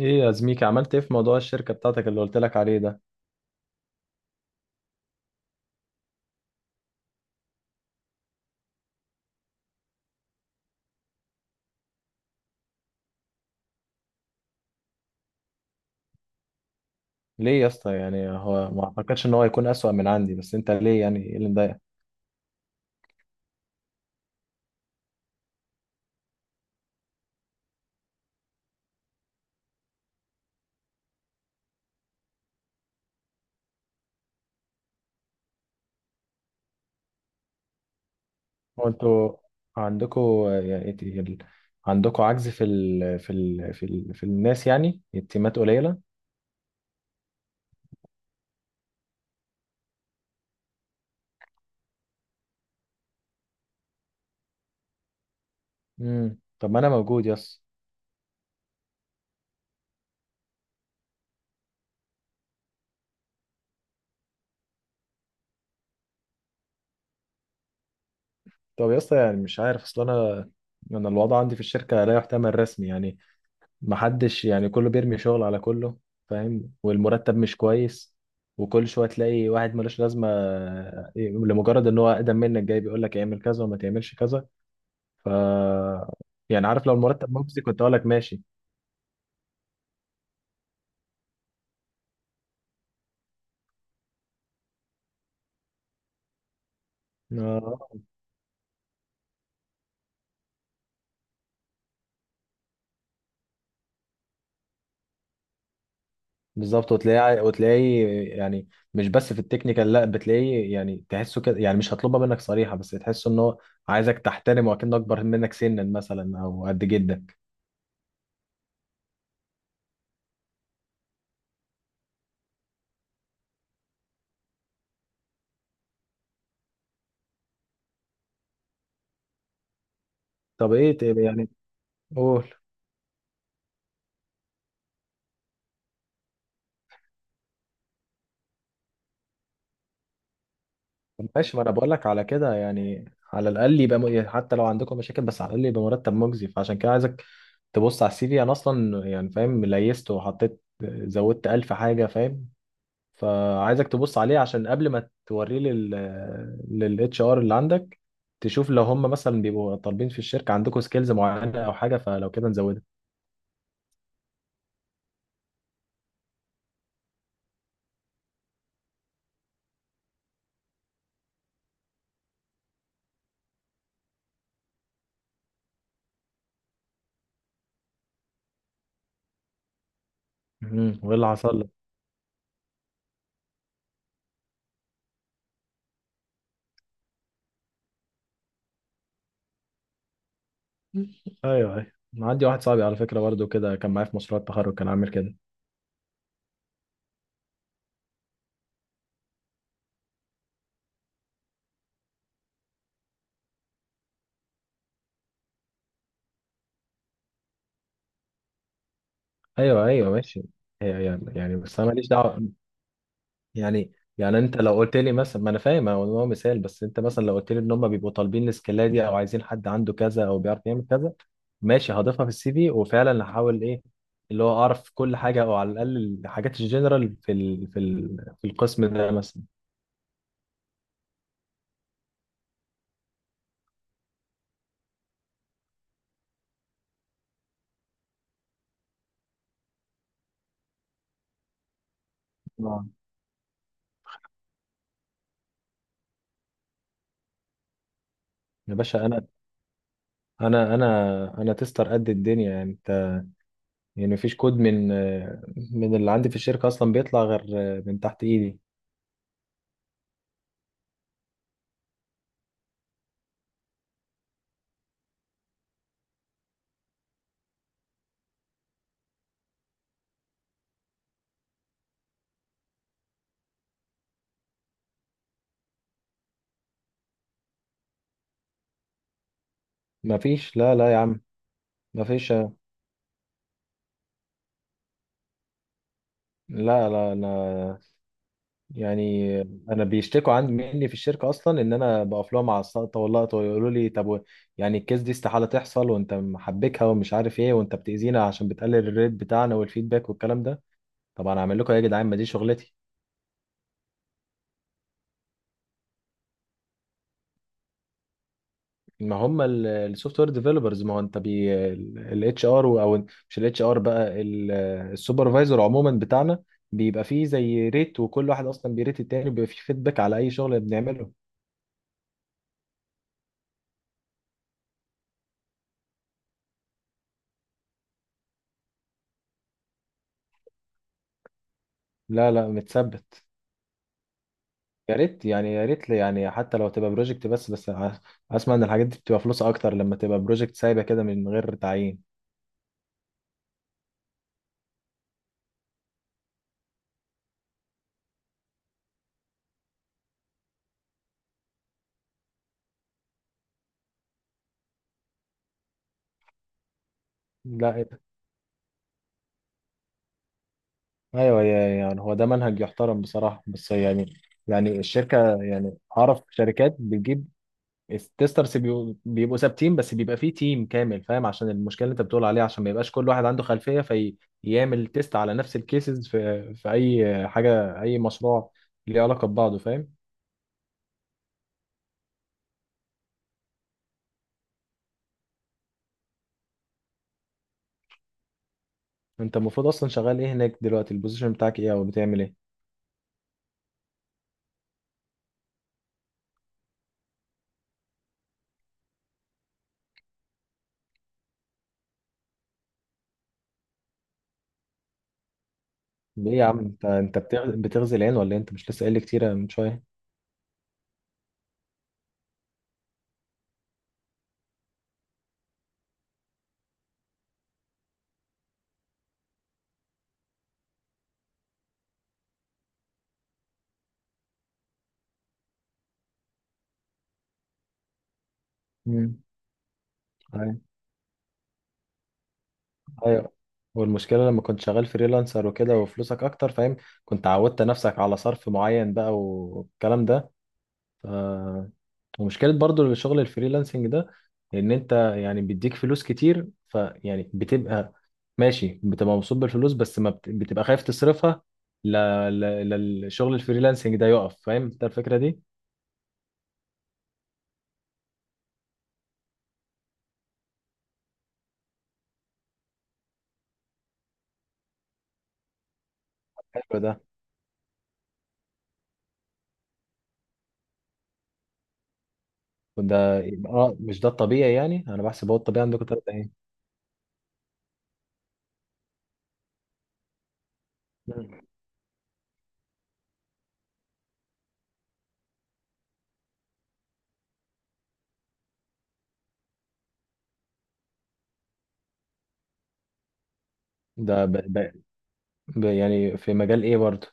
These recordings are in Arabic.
ايه يا زميكي عملت ايه في موضوع الشركة بتاعتك اللي قلت لك عليه ده؟ ليه يا اسطى؟ يعني هو ما اعتقدش ان هو يكون اسوأ من عندي، بس انت ليه؟ يعني ايه اللي مضايقك؟ هو انتوا عندكوا يعني عندكوا عجز في ال... في ال... في ال... في الناس يعني التيمات قليلة؟ طب ما انا موجود يا اسطى. طب يا اسطى، يعني مش عارف، اصل انا الوضع عندي في الشركة لا يحتمل رسمي. يعني محدش، يعني كله بيرمي شغل على كله، فاهم؟ والمرتب مش كويس، وكل شويه تلاقي واحد ملوش لازمه آه، إيه، لمجرد ان هو اقدم منك جاي بيقول لك اعمل كذا وما تعملش كذا. ف يعني عارف، لو المرتب مجزي كنت اقول لك ماشي. آه، بالظبط. وتلاقيه يعني مش بس في التكنيكال، لا، بتلاقيه يعني تحسه كده، يعني مش هطلبها منك صريحه بس تحسه ان هو عايزك تحترمه وكأنه اكبر منك سنا مثلا او قد جدك. طب ايه يعني قول. ماشي، ما انا بقول لك على كده يعني. على الاقل يبقى حتى لو عندكم مشاكل بس على الاقل يبقى مرتب مجزي. فعشان كده عايزك تبص على السي في. انا اصلا يعني فاهم ليست وحطيت، زودت ألف حاجه، فاهم؟ فعايزك تبص عليه عشان قبل ما توريه للاتش ار اللي عندك، تشوف لو هم مثلا بيبقوا طالبين في الشركه عندكم سكيلز معينه او حاجه، فلو كده نزودها. وايه اللي حصل لك؟ ايوه ايوه، عندي واحد صاحبي على فكره برضه كده، كان معايا في مشروع التخرج كان عامل كده. ايوه ايوه ماشي. هي يعني، يعني بس انا ماليش دعوه. يعني يعني انت لو قلت لي مثلا، ما انا فاهم هو إن هو مثال، بس انت مثلا لو قلت لي ان هم بيبقوا طالبين السكيلات دي او عايزين حد عنده كذا او بيعرف يعمل كذا، ماشي هضيفها في السي في وفعلا هحاول ايه اللي هو اعرف كل حاجه، او على الاقل الحاجات الجنرال في ال في ال في القسم ده مثلا. آه. يا باشا، انا انا تستر قد الدنيا يعني. انت يعني مفيش كود من اللي عندي في الشركه اصلا بيطلع غير من تحت ايدي. مفيش، لا لا يا عم. ما فيش، لا لا. انا يعني انا بيشتكوا عندي مني في الشركه اصلا ان انا بقف لهم على السقطه واللقطه، ويقولوا لي طب يعني الكيس دي استحاله تحصل وانت محبكها ومش عارف ايه، وانت بتاذينا عشان بتقلل الريت بتاعنا والفيدباك والكلام ده. طب انا اعمل لكم ايه يا جدعان؟ ما دي شغلتي. ما هم السوفت وير ديفلوبرز. ما هو انت بي الاتش ار، او مش الاتش ار بقى، السوبرفايزر عموما بتاعنا، بيبقى فيه زي ريت، وكل واحد اصلا بيريت التاني، وبيبقى فيه فيدباك على اي شغل بنعمله. لا لا، متثبت. يا ريت يعني، يا ريت لي يعني حتى لو تبقى بروجكت، بس بس اسمع، ان الحاجات دي بتبقى فلوس اكتر لما تبقى بروجكت سايبه كده من غير تعيين. لا إيه ده؟ ايوه يعني هو ده منهج يحترم بصراحه، بس يعني يعني الشركه، يعني اعرف شركات بتجيب التسترس، بيبقوا ثابتين، بس بيبقى فيه تيم كامل فاهم، عشان المشكله اللي انت بتقول عليها، عشان ما يبقاش كل واحد عنده خلفيه فيعمل تيست على نفس الكيسز في اي حاجه اي مشروع ليه علاقه ببعضه، فاهم؟ انت المفروض اصلا شغال ايه هناك دلوقتي؟ البوزيشن بتاعك ايه او بتعمل ايه؟ ليه يا عم؟ انت بتغزي العين ولا ايه؟ انت مش لسه قايل لي كتير يعني من شويه؟ امم ايوه ايوه. والمشكله لما كنت شغال فريلانسر وكده وفلوسك اكتر، فاهم؟ كنت عودت نفسك على صرف معين بقى والكلام ده. ف... ومشكله برضو الشغل الفريلانسنج ده، ان انت يعني بيديك فلوس كتير، فيعني بتبقى ماشي، بتبقى مبسوط بالفلوس، بس ما بت... بتبقى خايف تصرفها، ل... ل... للشغل الفريلانسنج ده يقف، فاهم انت الفكره دي؟ حلو ده. اه مش ده الطبيعي يعني؟ انا بحسب هو الطبيعي عندكم تلاتة ايه. مم. ده يعني في مجال ايه برضه؟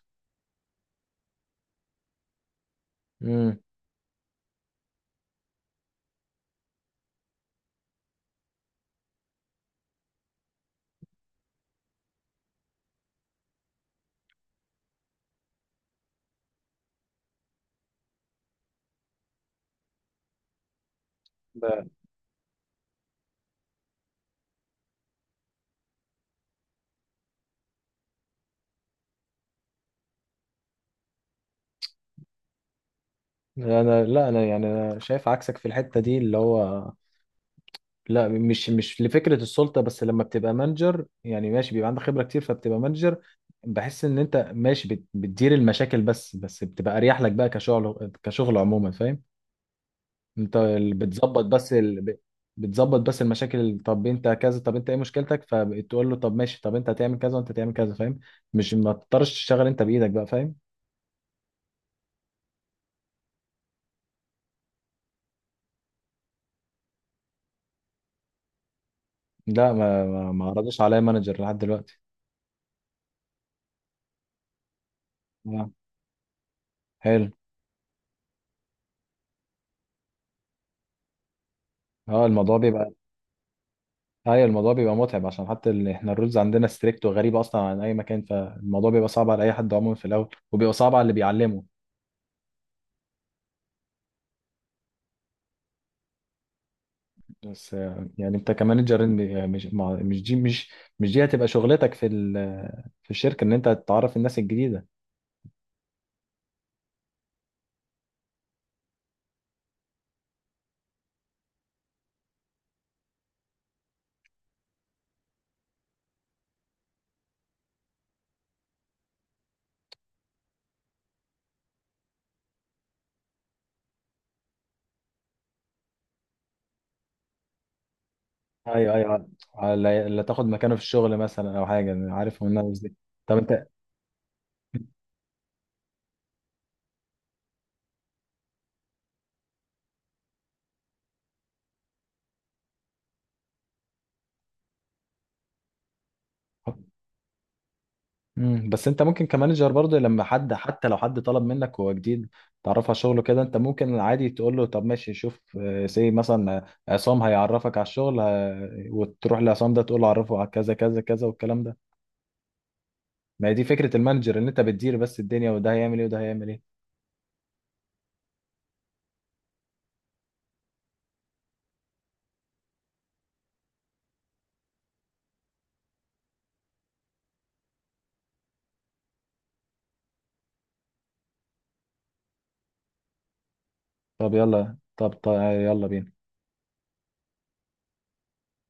امم ده انا، لا انا يعني انا شايف عكسك في الحتة دي اللي هو، لا مش لفكرة السلطة، بس لما بتبقى مانجر يعني ماشي بيبقى عندك خبرة كتير فبتبقى مانجر، بحس ان انت ماشي بتدير المشاكل بس، بس بتبقى اريح لك بقى كشغل كشغل عموما، فاهم؟ انت بتظبط بس بتظبط بس المشاكل طب انت كذا، طب انت ايه مشكلتك؟ فتقول له طب ماشي، طب انت هتعمل كذا وانت هتعمل كذا، فاهم؟ مش ما تضطرش تشتغل انت بايدك بقى، فاهم؟ لا، ما ما ما عرضش عليا مانجر لحد دلوقتي. اه حلو. اه، الموضوع بيبقى، ايوه الموضوع بيبقى متعب، عشان حتى احنا الرولز عندنا ستريكت وغريبه اصلا عن اي مكان، فالموضوع بيبقى صعب على اي حد عموما في الاول، وبيبقى صعب على اللي بيعلمه. بس يعني انت كمانجر، مش دي، مش دي هتبقى شغلتك في في الشركه، ان انت تعرف الناس الجديده. ايوه ايوه، اللي تاخد مكانه في الشغل مثلا او حاجه، انا عارف هو الناس دي. طب انت. مم. بس انت ممكن كمانجر برضه لما حد، حتى لو حد طلب منك وهو جديد تعرف على شغله كده، انت ممكن عادي تقول له طب ماشي شوف، سي مثلا، عصام هيعرفك على الشغل اه، وتروح لعصام ده تقول له عرفه على كذا كذا كذا والكلام ده. ما هي دي فكرة المانجر، ان انت بتدير بس الدنيا وده هيعمل ايه وده هيعمل ايه. طب يلا، طب, طب يلا بينا.